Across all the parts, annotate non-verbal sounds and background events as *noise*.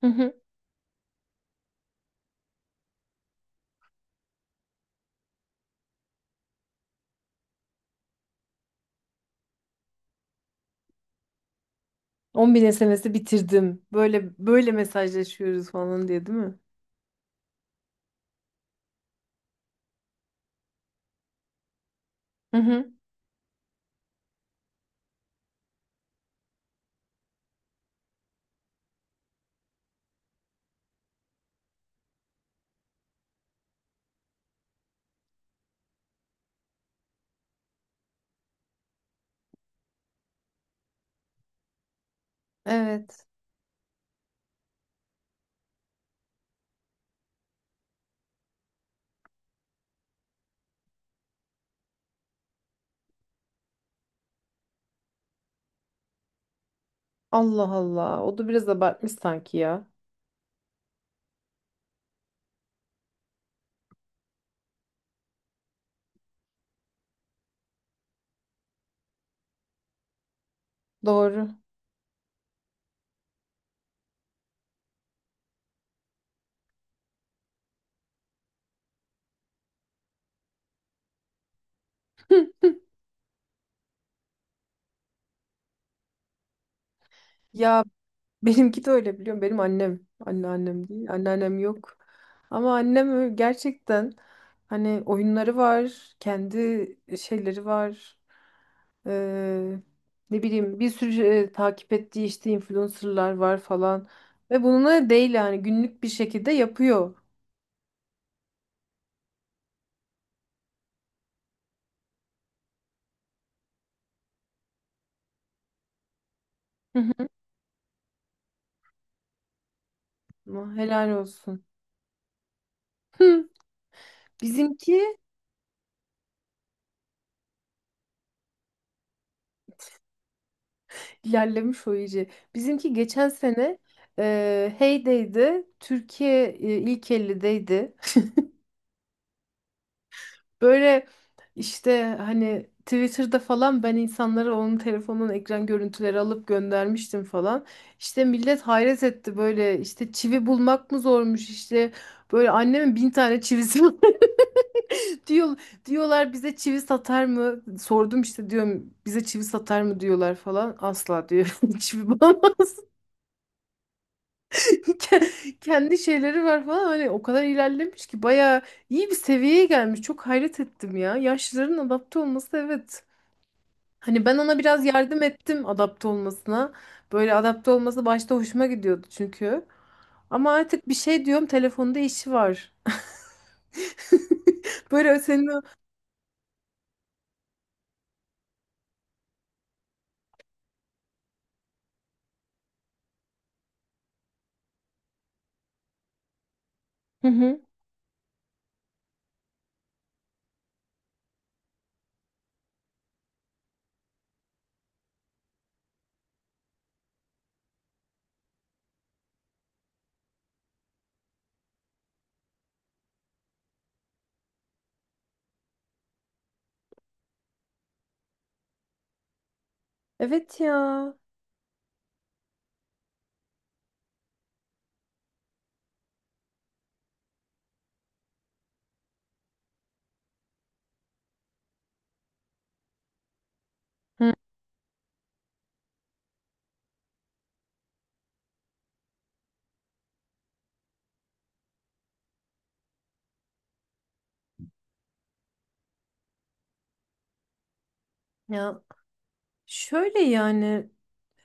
Hı hı. 10.000 SMS'i bitirdim. Böyle böyle mesajlaşıyoruz falan diye değil mi? Hı hı. Evet. Allah Allah. O da biraz abartmış sanki ya. Doğru. *laughs* Ya benimki de öyle biliyorum. Benim annem. Anneannem değil. Anneannem yok. Ama annem öyle- gerçekten hani oyunları var. Kendi şeyleri var. Ee, ne bileyim bir sürü takip ettiği işte influencerlar var falan. Ve bununla değil yani günlük bir şekilde yapıyor. *laughs* Ama helal olsun. Hı, Bizimki ilerlemiş o iyice. Bizimki geçen sene Hey'deydi. Türkiye ilk 50'deydi. Böyle işte hani Twitter'da falan ben insanlara onun telefonunun ekran görüntüleri alıp göndermiştim falan. İşte millet hayret etti böyle işte çivi bulmak mı zormuş işte böyle annemin 1000 tane çivisi var. *laughs* *laughs* Diyor, diyorlar bize çivi satar mı? Sordum işte diyorum bize çivi satar mı diyorlar falan. Asla diyor *laughs* çivi bulamaz. *laughs* Kendi şeyleri var falan hani o kadar ilerlemiş ki bayağı iyi bir seviyeye gelmiş. Çok hayret ettim ya. Yaşlıların adapte olması evet. Hani ben ona biraz yardım ettim adapte olmasına. Böyle adapte olması başta hoşuma gidiyordu çünkü. Ama artık bir şey diyorum telefonda işi var. *laughs* Böyle senin o... Hı hı. Evet ya. Hı. Ya şöyle yani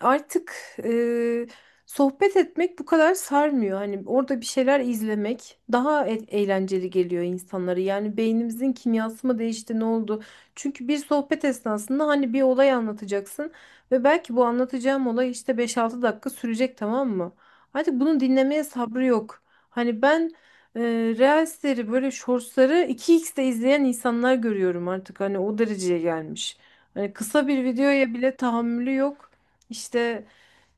artık e, sohbet etmek bu kadar sarmıyor. Hani orada bir şeyler izlemek daha eğlenceli geliyor insanlara. Yani beynimizin kimyası mı değişti, ne oldu? Çünkü bir sohbet esnasında hani bir olay anlatacaksın ve belki bu anlatacağım olay işte 5-6 dakika sürecek, tamam mı? Artık bunu dinlemeye sabrı yok. Hani ben e, Reels'leri böyle shortsları iki xte izleyen insanlar görüyorum artık. Hani o dereceye gelmiş. Hani kısa bir videoya bile tahammülü yok. İşte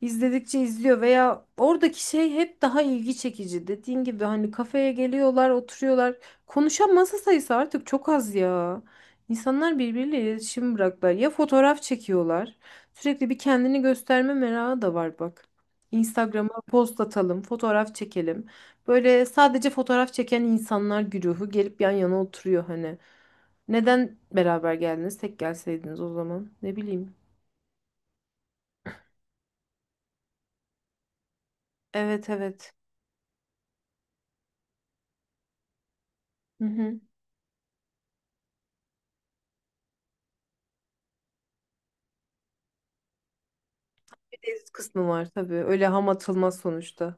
izledikçe izliyor veya oradaki şey hep daha ilgi çekici. Dediğin gibi hani kafeye geliyorlar, oturuyorlar. Konuşan masa sayısı artık çok az ya. İnsanlar birbiriyle iletişim bıraklar. Ya fotoğraf çekiyorlar. Sürekli bir kendini gösterme merakı da var bak. Instagram'a post atalım, fotoğraf çekelim. Böyle sadece fotoğraf çeken insanlar güruhu gelip yan yana oturuyor hani. Neden beraber geldiniz? Tek gelseydiniz o zaman. Ne bileyim. Evet, evet. Hı hı. Tehdit kısmı var tabii. Öyle ham atılmaz sonuçta.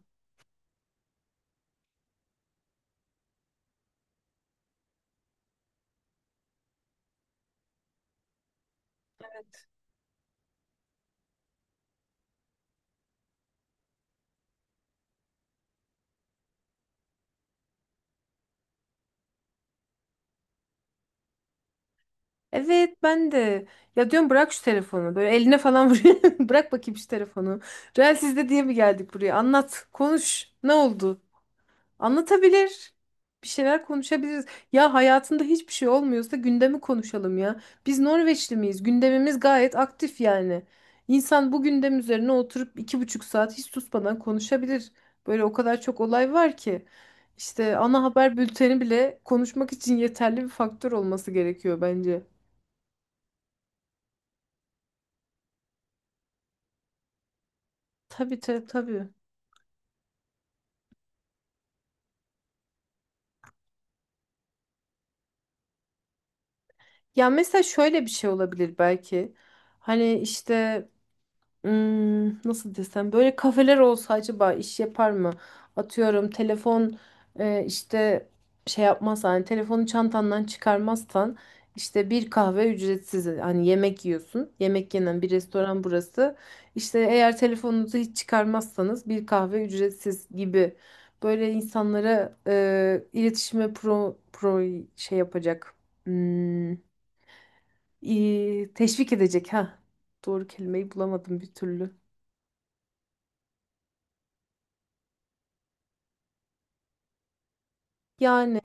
Evet, ben de. Ya diyorum bırak şu telefonu. Böyle eline falan vuruyor. *laughs* Bırak bakayım şu telefonu. Real sizde diye mi geldik buraya? Anlat. Konuş. Ne oldu? Anlatabilir. Bir şeyler konuşabiliriz. Ya hayatında hiçbir şey olmuyorsa gündemi konuşalım ya. Biz Norveçli miyiz? Gündemimiz gayet aktif yani. İnsan bu gündem üzerine oturup 2,5 saat hiç susmadan konuşabilir. Böyle o kadar çok olay var ki. İşte ana haber bülteni bile konuşmak için yeterli bir faktör olması gerekiyor bence. Tabii, tabii, tabii. Ya mesela şöyle bir şey olabilir belki. Hani işte nasıl desem, böyle kafeler olsa acaba iş yapar mı? Atıyorum, telefon işte şey yapmaz, hani telefonu çantandan çıkarmazsan işte bir kahve ücretsiz, hani yemek yiyorsun. Yemek yenen bir restoran burası. İşte eğer telefonunuzu hiç çıkarmazsanız bir kahve ücretsiz gibi böyle insanlara iletişime pro, pro şey yapacak. Hmm, teşvik edecek ha. Doğru kelimeyi bulamadım bir türlü. Yani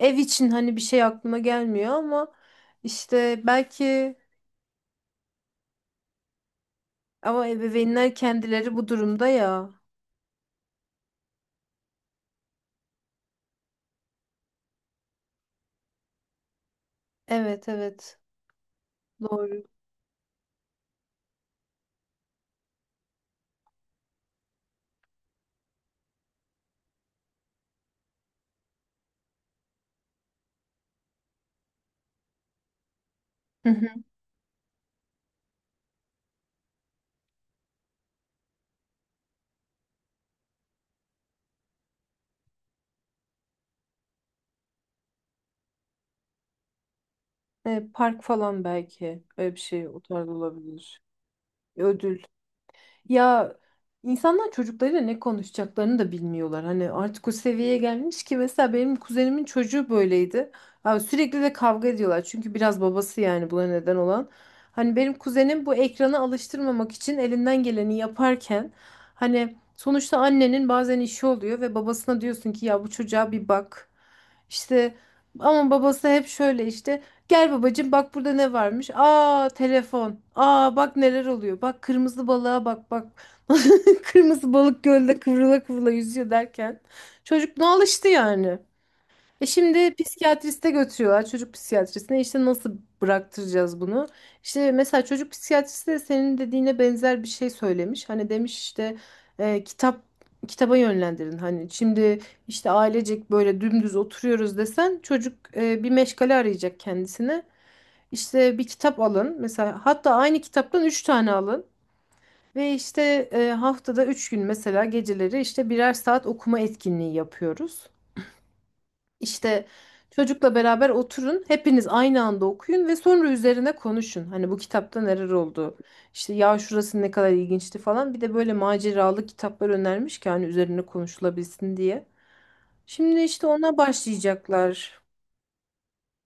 ev için hani bir şey aklıma gelmiyor ama işte belki ama ebeveynler kendileri bu durumda ya. Evet, evet, doğru. Hı hı. Park falan belki öyle bir şey o tarz olabilir. Ödül. Ya insanlar çocuklarıyla ne konuşacaklarını da bilmiyorlar. Hani artık o seviyeye gelmiş ki mesela benim kuzenimin çocuğu böyleydi. Abi sürekli de kavga ediyorlar. Çünkü biraz babası yani buna neden olan. Hani benim kuzenim bu ekrana alıştırmamak için elinden geleni yaparken hani sonuçta annenin bazen işi oluyor ve babasına diyorsun ki ya bu çocuğa bir bak. İşte ama babası hep şöyle işte gel babacığım bak burada ne varmış. Aa telefon. Aa bak neler oluyor. Bak kırmızı balığa, bak bak. *laughs* Kırmızı balık gölde kıvrıla kıvrıla yüzüyor derken. Çocuk ne alıştı yani. E şimdi psikiyatriste götürüyorlar, çocuk psikiyatrisine. İşte nasıl bıraktıracağız bunu? İşte mesela çocuk psikiyatristi de senin dediğine benzer bir şey söylemiş. Hani demiş işte kitap kitaba yönlendirin. Hani şimdi işte ailecek böyle dümdüz oturuyoruz desen çocuk bir meşgale arayacak kendisine. İşte bir kitap alın. Mesela hatta aynı kitaptan 3 tane alın. Ve işte haftada 3 gün mesela geceleri işte 1'er saat okuma etkinliği yapıyoruz. İşte çocukla beraber oturun. Hepiniz aynı anda okuyun ve sonra üzerine konuşun. Hani bu kitapta neler oldu? İşte ya şurası ne kadar ilginçti falan. Bir de böyle maceralı kitaplar önermiş ki hani üzerine konuşulabilsin diye. Şimdi işte ona başlayacaklar.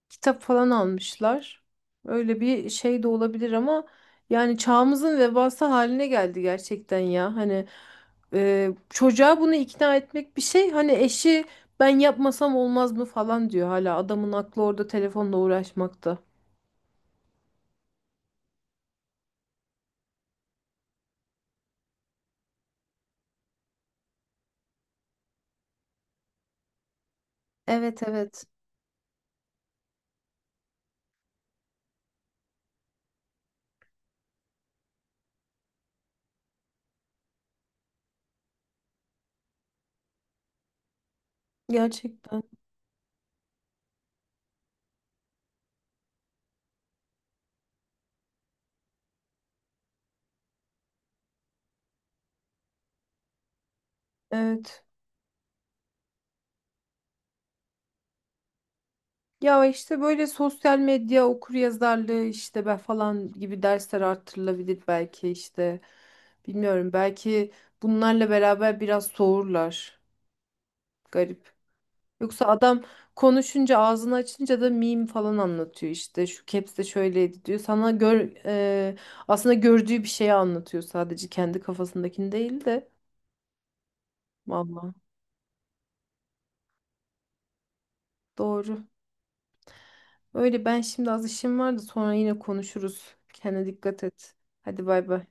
Kitap falan almışlar. Öyle bir şey de olabilir ama yani çağımızın vebası haline geldi gerçekten ya. Hani çocuğa bunu ikna etmek bir şey. Hani eşi ben yapmasam olmaz mı falan diyor hala. Adamın aklı orada telefonla uğraşmakta. Evet, evet. Gerçekten. Evet. Ya işte böyle sosyal medya okuryazarlığı işte ben falan gibi dersler arttırılabilir belki işte. Bilmiyorum, belki bunlarla beraber biraz soğurlar. Garip. Yoksa adam konuşunca, ağzını açınca da meme falan anlatıyor işte. Şu caps de şöyleydi diyor. Sana gör e, aslında gördüğü bir şeyi anlatıyor, sadece kendi kafasındakini değil de. Vallahi doğru. Öyle, ben şimdi az işim var da sonra yine konuşuruz. Kendine dikkat et. Hadi bay bay.